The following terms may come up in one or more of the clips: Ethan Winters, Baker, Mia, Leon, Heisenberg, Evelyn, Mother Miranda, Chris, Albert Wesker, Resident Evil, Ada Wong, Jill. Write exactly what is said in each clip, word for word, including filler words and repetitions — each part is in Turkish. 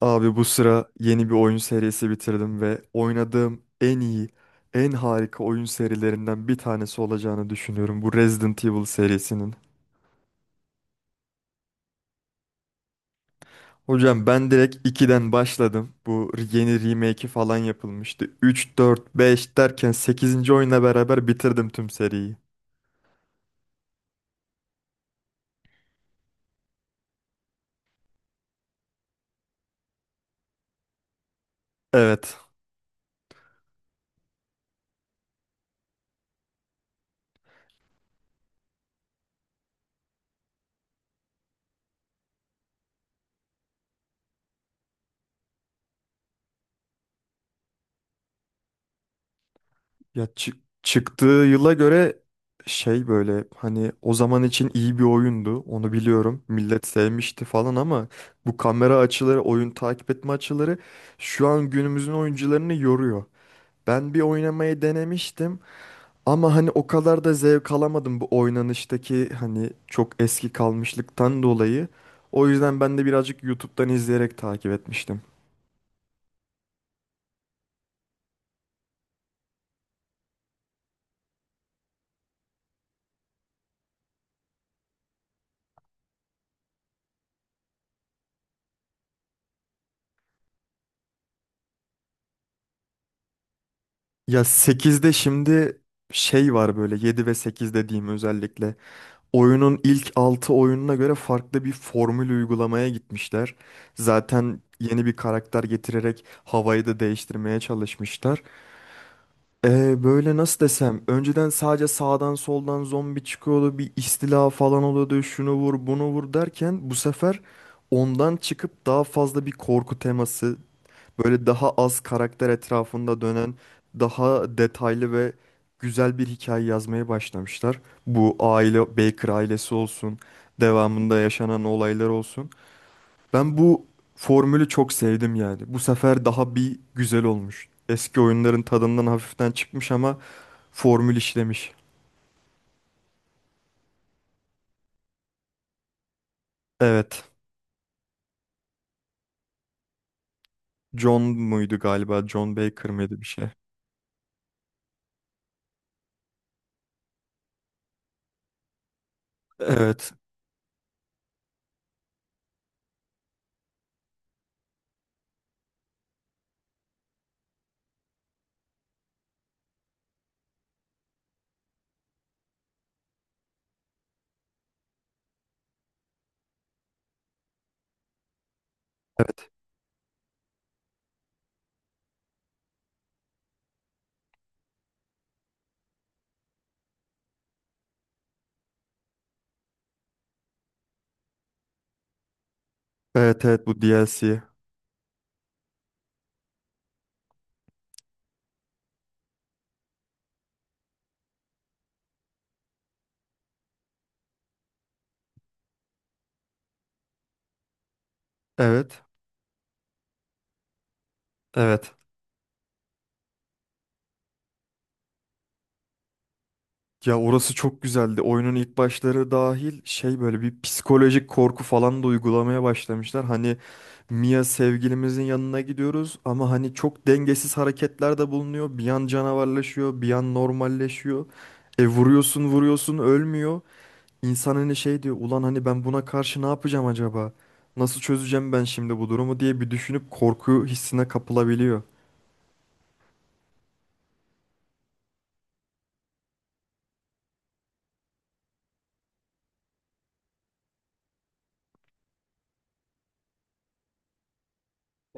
Abi bu sıra yeni bir oyun serisi bitirdim ve oynadığım en iyi, en harika oyun serilerinden bir tanesi olacağını düşünüyorum bu Resident Evil serisinin. Hocam ben direkt ikiden başladım. Bu yeni remake'i falan yapılmıştı. Üç dört beş derken sekizinci oyunla beraber bitirdim tüm seriyi. Evet. Ya çı- çıktığı yıla göre şey böyle hani o zaman için iyi bir oyundu onu biliyorum. Millet sevmişti falan ama bu kamera açıları, oyun takip etme açıları şu an günümüzün oyuncularını yoruyor. Ben bir oynamayı denemiştim ama hani o kadar da zevk alamadım bu oynanıştaki hani çok eski kalmışlıktan dolayı. O yüzden ben de birazcık YouTube'dan izleyerek takip etmiştim. Ya sekizde şimdi şey var böyle yedi ve sekiz dediğim özellikle. Oyunun ilk altı oyununa göre farklı bir formül uygulamaya gitmişler. Zaten yeni bir karakter getirerek havayı da değiştirmeye çalışmışlar. Ee, böyle nasıl desem, önceden sadece sağdan soldan zombi çıkıyordu, bir istila falan oluyordu, şunu vur, bunu vur derken bu sefer ondan çıkıp daha fazla bir korku teması, böyle daha az karakter etrafında dönen, daha detaylı ve güzel bir hikaye yazmaya başlamışlar. Bu aile, Baker ailesi olsun, devamında yaşanan olaylar olsun. Ben bu formülü çok sevdim yani. Bu sefer daha bir güzel olmuş. Eski oyunların tadından hafiften çıkmış ama formül işlemiş. Evet. John muydu galiba? John Baker mıydı bir şey? Evet. Evet. Evet, evet, bu D L C. Evet. Evet. Ya orası çok güzeldi. Oyunun ilk başları dahil şey böyle bir psikolojik korku falan da uygulamaya başlamışlar. Hani Mia sevgilimizin yanına gidiyoruz ama hani çok dengesiz hareketler de bulunuyor. Bir an canavarlaşıyor, bir an normalleşiyor. E vuruyorsun vuruyorsun, ölmüyor. İnsan hani şey diyor, ulan hani ben buna karşı ne yapacağım acaba? Nasıl çözeceğim ben şimdi bu durumu diye bir düşünüp korku hissine kapılabiliyor.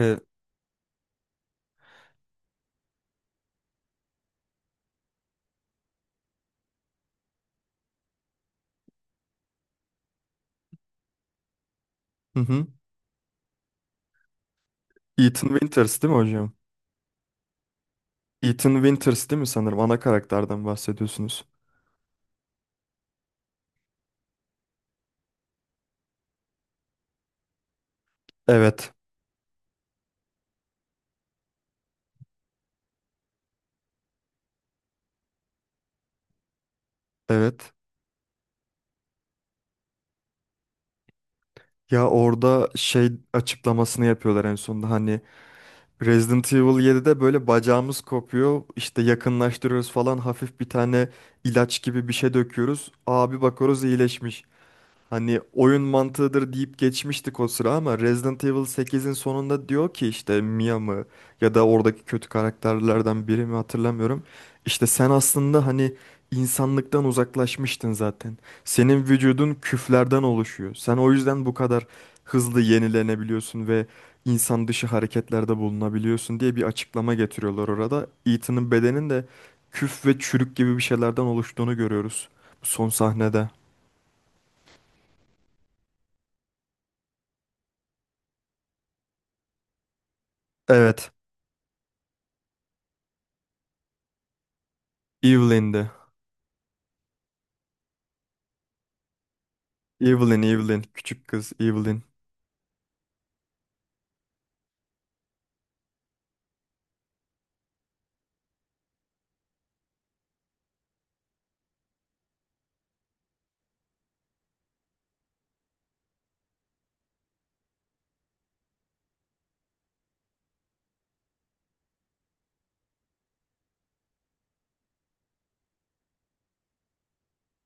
E, hı hı. Ethan Winters değil mi hocam? Ethan Winters değil mi sanırım? Ana karakterden bahsediyorsunuz. Evet. Evet. Ya orada şey açıklamasını yapıyorlar en sonunda hani Resident Evil yedide böyle bacağımız kopuyor işte yakınlaştırıyoruz falan hafif bir tane ilaç gibi bir şey döküyoruz. Abi bakıyoruz iyileşmiş. Hani oyun mantığıdır deyip geçmiştik o sıra ama Resident Evil sekizin sonunda diyor ki işte Mia mı ya da oradaki kötü karakterlerden biri mi hatırlamıyorum. İşte sen aslında hani insanlıktan uzaklaşmıştın zaten. Senin vücudun küflerden oluşuyor. Sen o yüzden bu kadar hızlı yenilenebiliyorsun ve insan dışı hareketlerde bulunabiliyorsun diye bir açıklama getiriyorlar orada. Ethan'ın bedenin de küf ve çürük gibi bir şeylerden oluştuğunu görüyoruz bu son sahnede. Evet. Evelyn'di. Evelyn, Evelyn. Küçük kız Evelyn.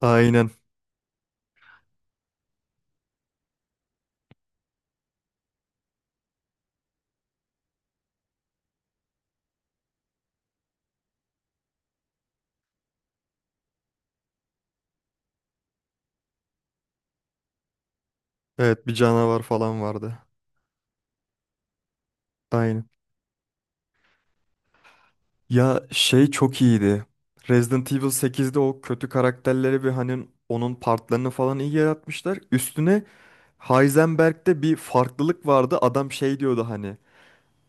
Aynen. Evet, bir canavar falan vardı. Aynen. Ya şey çok iyiydi. Resident Evil sekizde o kötü karakterleri ve hani onun partlarını falan iyi yaratmışlar. Üstüne Heisenberg'de bir farklılık vardı. Adam şey diyordu, hani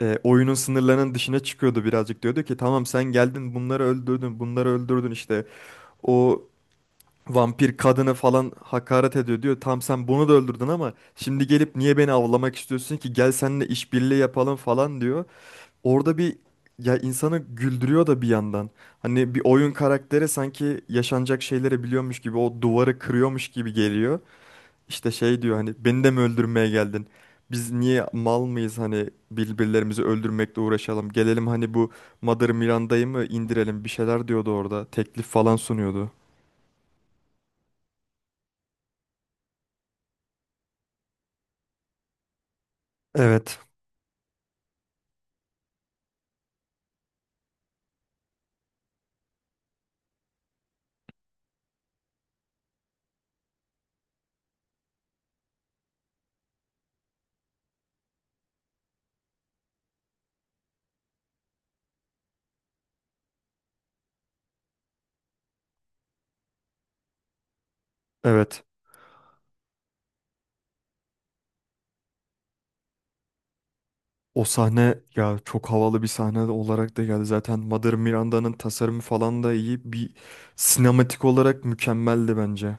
e, oyunun sınırlarının dışına çıkıyordu birazcık. Diyordu ki tamam sen geldin bunları öldürdün bunları öldürdün işte. O vampir kadını falan hakaret ediyor diyor. Tam sen bunu da öldürdün ama şimdi gelip niye beni avlamak istiyorsun ki? Gel seninle işbirliği yapalım falan diyor. Orada bir, ya, insanı güldürüyor da bir yandan. Hani bir oyun karakteri sanki yaşanacak şeyleri biliyormuş gibi o duvarı kırıyormuş gibi geliyor. İşte şey diyor hani beni de mi öldürmeye geldin? Biz niye mal mıyız hani birbirlerimizi öldürmekle uğraşalım. Gelelim hani bu Mother Miranda'yı mı indirelim bir şeyler diyordu orada. Teklif falan sunuyordu. Evet. Evet. O sahne ya çok havalı bir sahne olarak da geldi. Zaten Mother Miranda'nın tasarımı falan da iyi. Bir sinematik olarak mükemmeldi bence.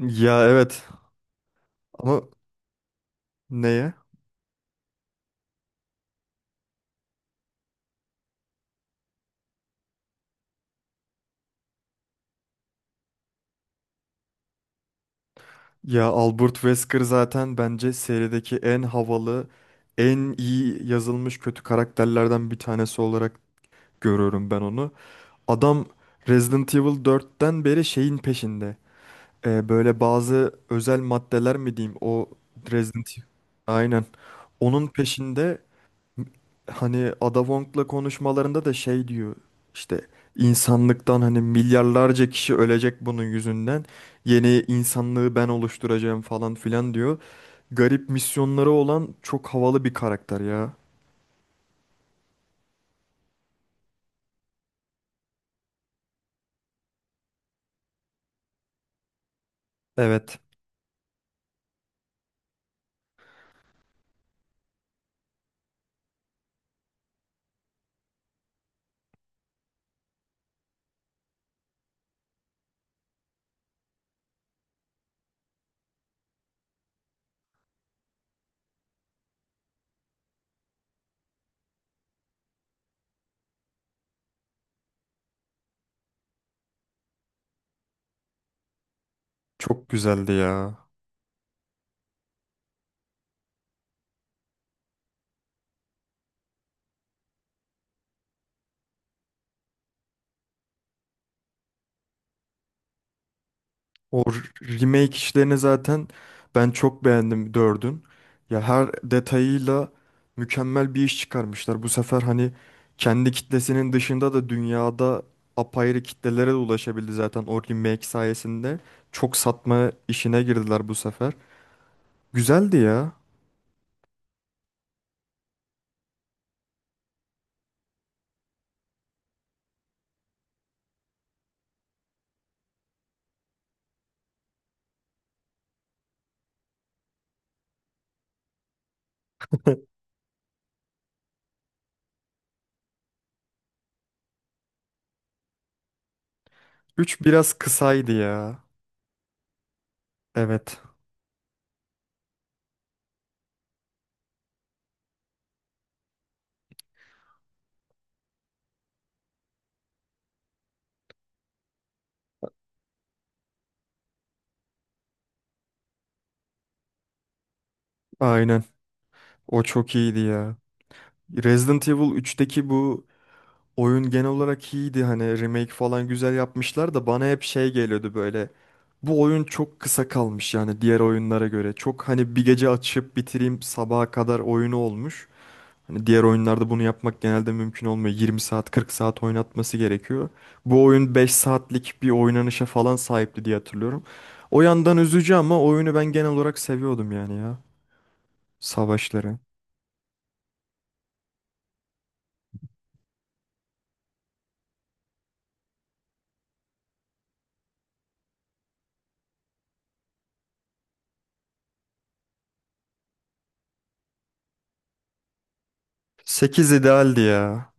Ya, evet ama neye? Ya Albert Wesker zaten bence serideki en havalı, en iyi yazılmış kötü karakterlerden bir tanesi olarak görüyorum ben onu. Adam Resident Evil dört'ten beri şeyin peşinde. Ee, böyle bazı özel maddeler mi diyeyim o Resident Evil. Aynen. Onun peşinde. Hani Ada Wong'la konuşmalarında da şey diyor işte insanlıktan hani milyarlarca kişi ölecek bunun yüzünden yeni insanlığı ben oluşturacağım falan filan diyor. Garip misyonları olan çok havalı bir karakter ya. Evet. Çok güzeldi ya. O r- Remake işlerini zaten ben çok beğendim dördün. Ya her detayıyla mükemmel bir iş çıkarmışlar. Bu sefer hani kendi kitlesinin dışında da dünyada apayrı kitlelere de ulaşabildi zaten o remake sayesinde. Çok satma işine girdiler bu sefer. Güzeldi ya. Üç biraz kısaydı ya. Evet. Aynen. O çok iyiydi ya. Resident Evil üçteki bu oyun genel olarak iyiydi hani remake falan güzel yapmışlar da bana hep şey geliyordu böyle. Bu oyun çok kısa kalmış yani diğer oyunlara göre. Çok hani bir gece açıp bitireyim sabaha kadar oyunu olmuş. Hani diğer oyunlarda bunu yapmak genelde mümkün olmuyor. yirmi saat kırk saat oynatması gerekiyor. Bu oyun beş saatlik bir oynanışa falan sahipti diye hatırlıyorum. O yandan üzücü ama oyunu ben genel olarak seviyordum yani ya. Savaşları. Sekiz idealdi ya.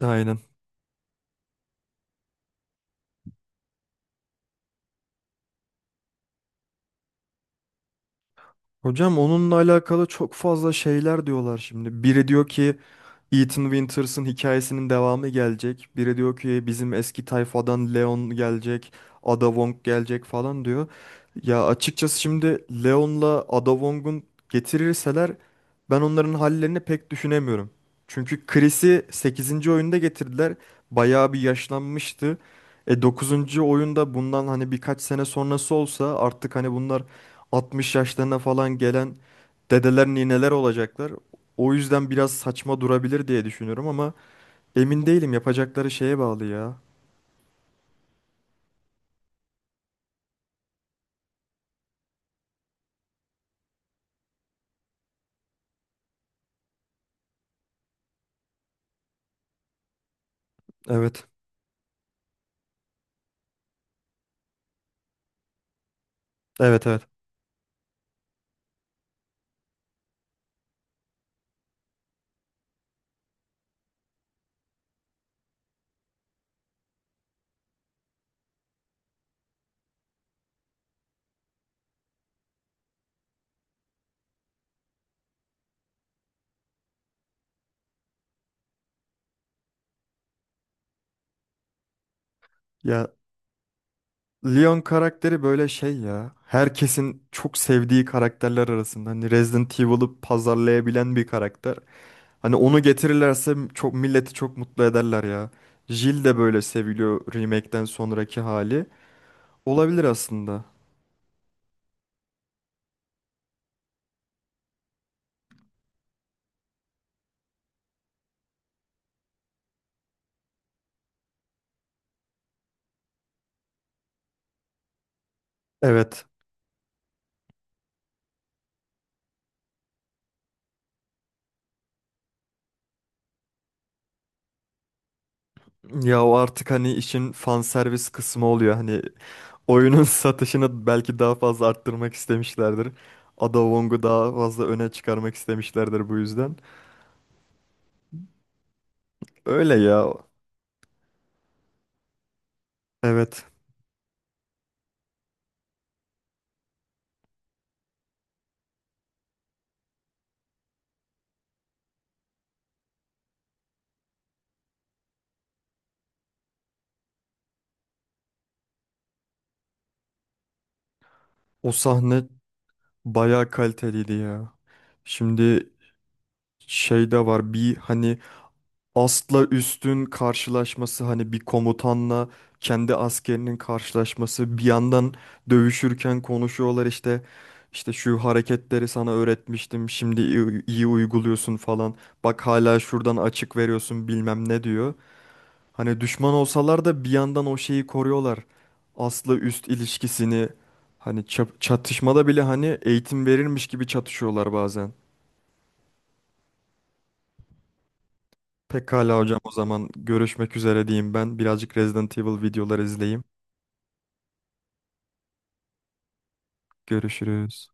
Aynen. Hocam onunla alakalı çok fazla şeyler diyorlar şimdi. Biri diyor ki Ethan Winters'ın hikayesinin devamı gelecek. Biri diyor ki bizim eski tayfadan Leon gelecek, Ada Wong gelecek falan diyor. Ya açıkçası şimdi Leon'la Ada Wong'un getirirseler ben onların hallerini pek düşünemiyorum. Çünkü Chris'i sekizinci oyunda getirdiler. Bayağı bir yaşlanmıştı. E dokuzuncu oyunda bundan hani birkaç sene sonrası olsa artık hani bunlar altmış yaşlarına falan gelen dedeler nineler olacaklar. O yüzden biraz saçma durabilir diye düşünüyorum ama emin değilim yapacakları şeye bağlı ya. Evet. Evet, evet. Ya Leon karakteri böyle şey ya. Herkesin çok sevdiği karakterler arasında. Hani Resident Evil'ı pazarlayabilen bir karakter. Hani onu getirirlerse çok milleti çok mutlu ederler ya. Jill de böyle seviliyor remake'den sonraki hali. Olabilir aslında. Evet. Ya o artık hani işin fan servis kısmı oluyor. Hani oyunun satışını belki daha fazla arttırmak istemişlerdir. Ada Wong'u daha fazla öne çıkarmak istemişlerdir bu yüzden. Öyle ya. Evet. O sahne bayağı kaliteliydi ya. Şimdi şey de var bir hani astla üstün karşılaşması, hani bir komutanla kendi askerinin karşılaşması, bir yandan dövüşürken konuşuyorlar, işte işte şu hareketleri sana öğretmiştim şimdi iyi, iyi uyguluyorsun falan, bak hala şuradan açık veriyorsun bilmem ne diyor. Hani düşman olsalar da bir yandan o şeyi koruyorlar. Asla üst ilişkisini hani çap- çatışmada bile hani eğitim verilmiş gibi çatışıyorlar bazen. Pekala hocam o zaman görüşmek üzere diyeyim ben. Birazcık Resident Evil videolar izleyeyim. Görüşürüz.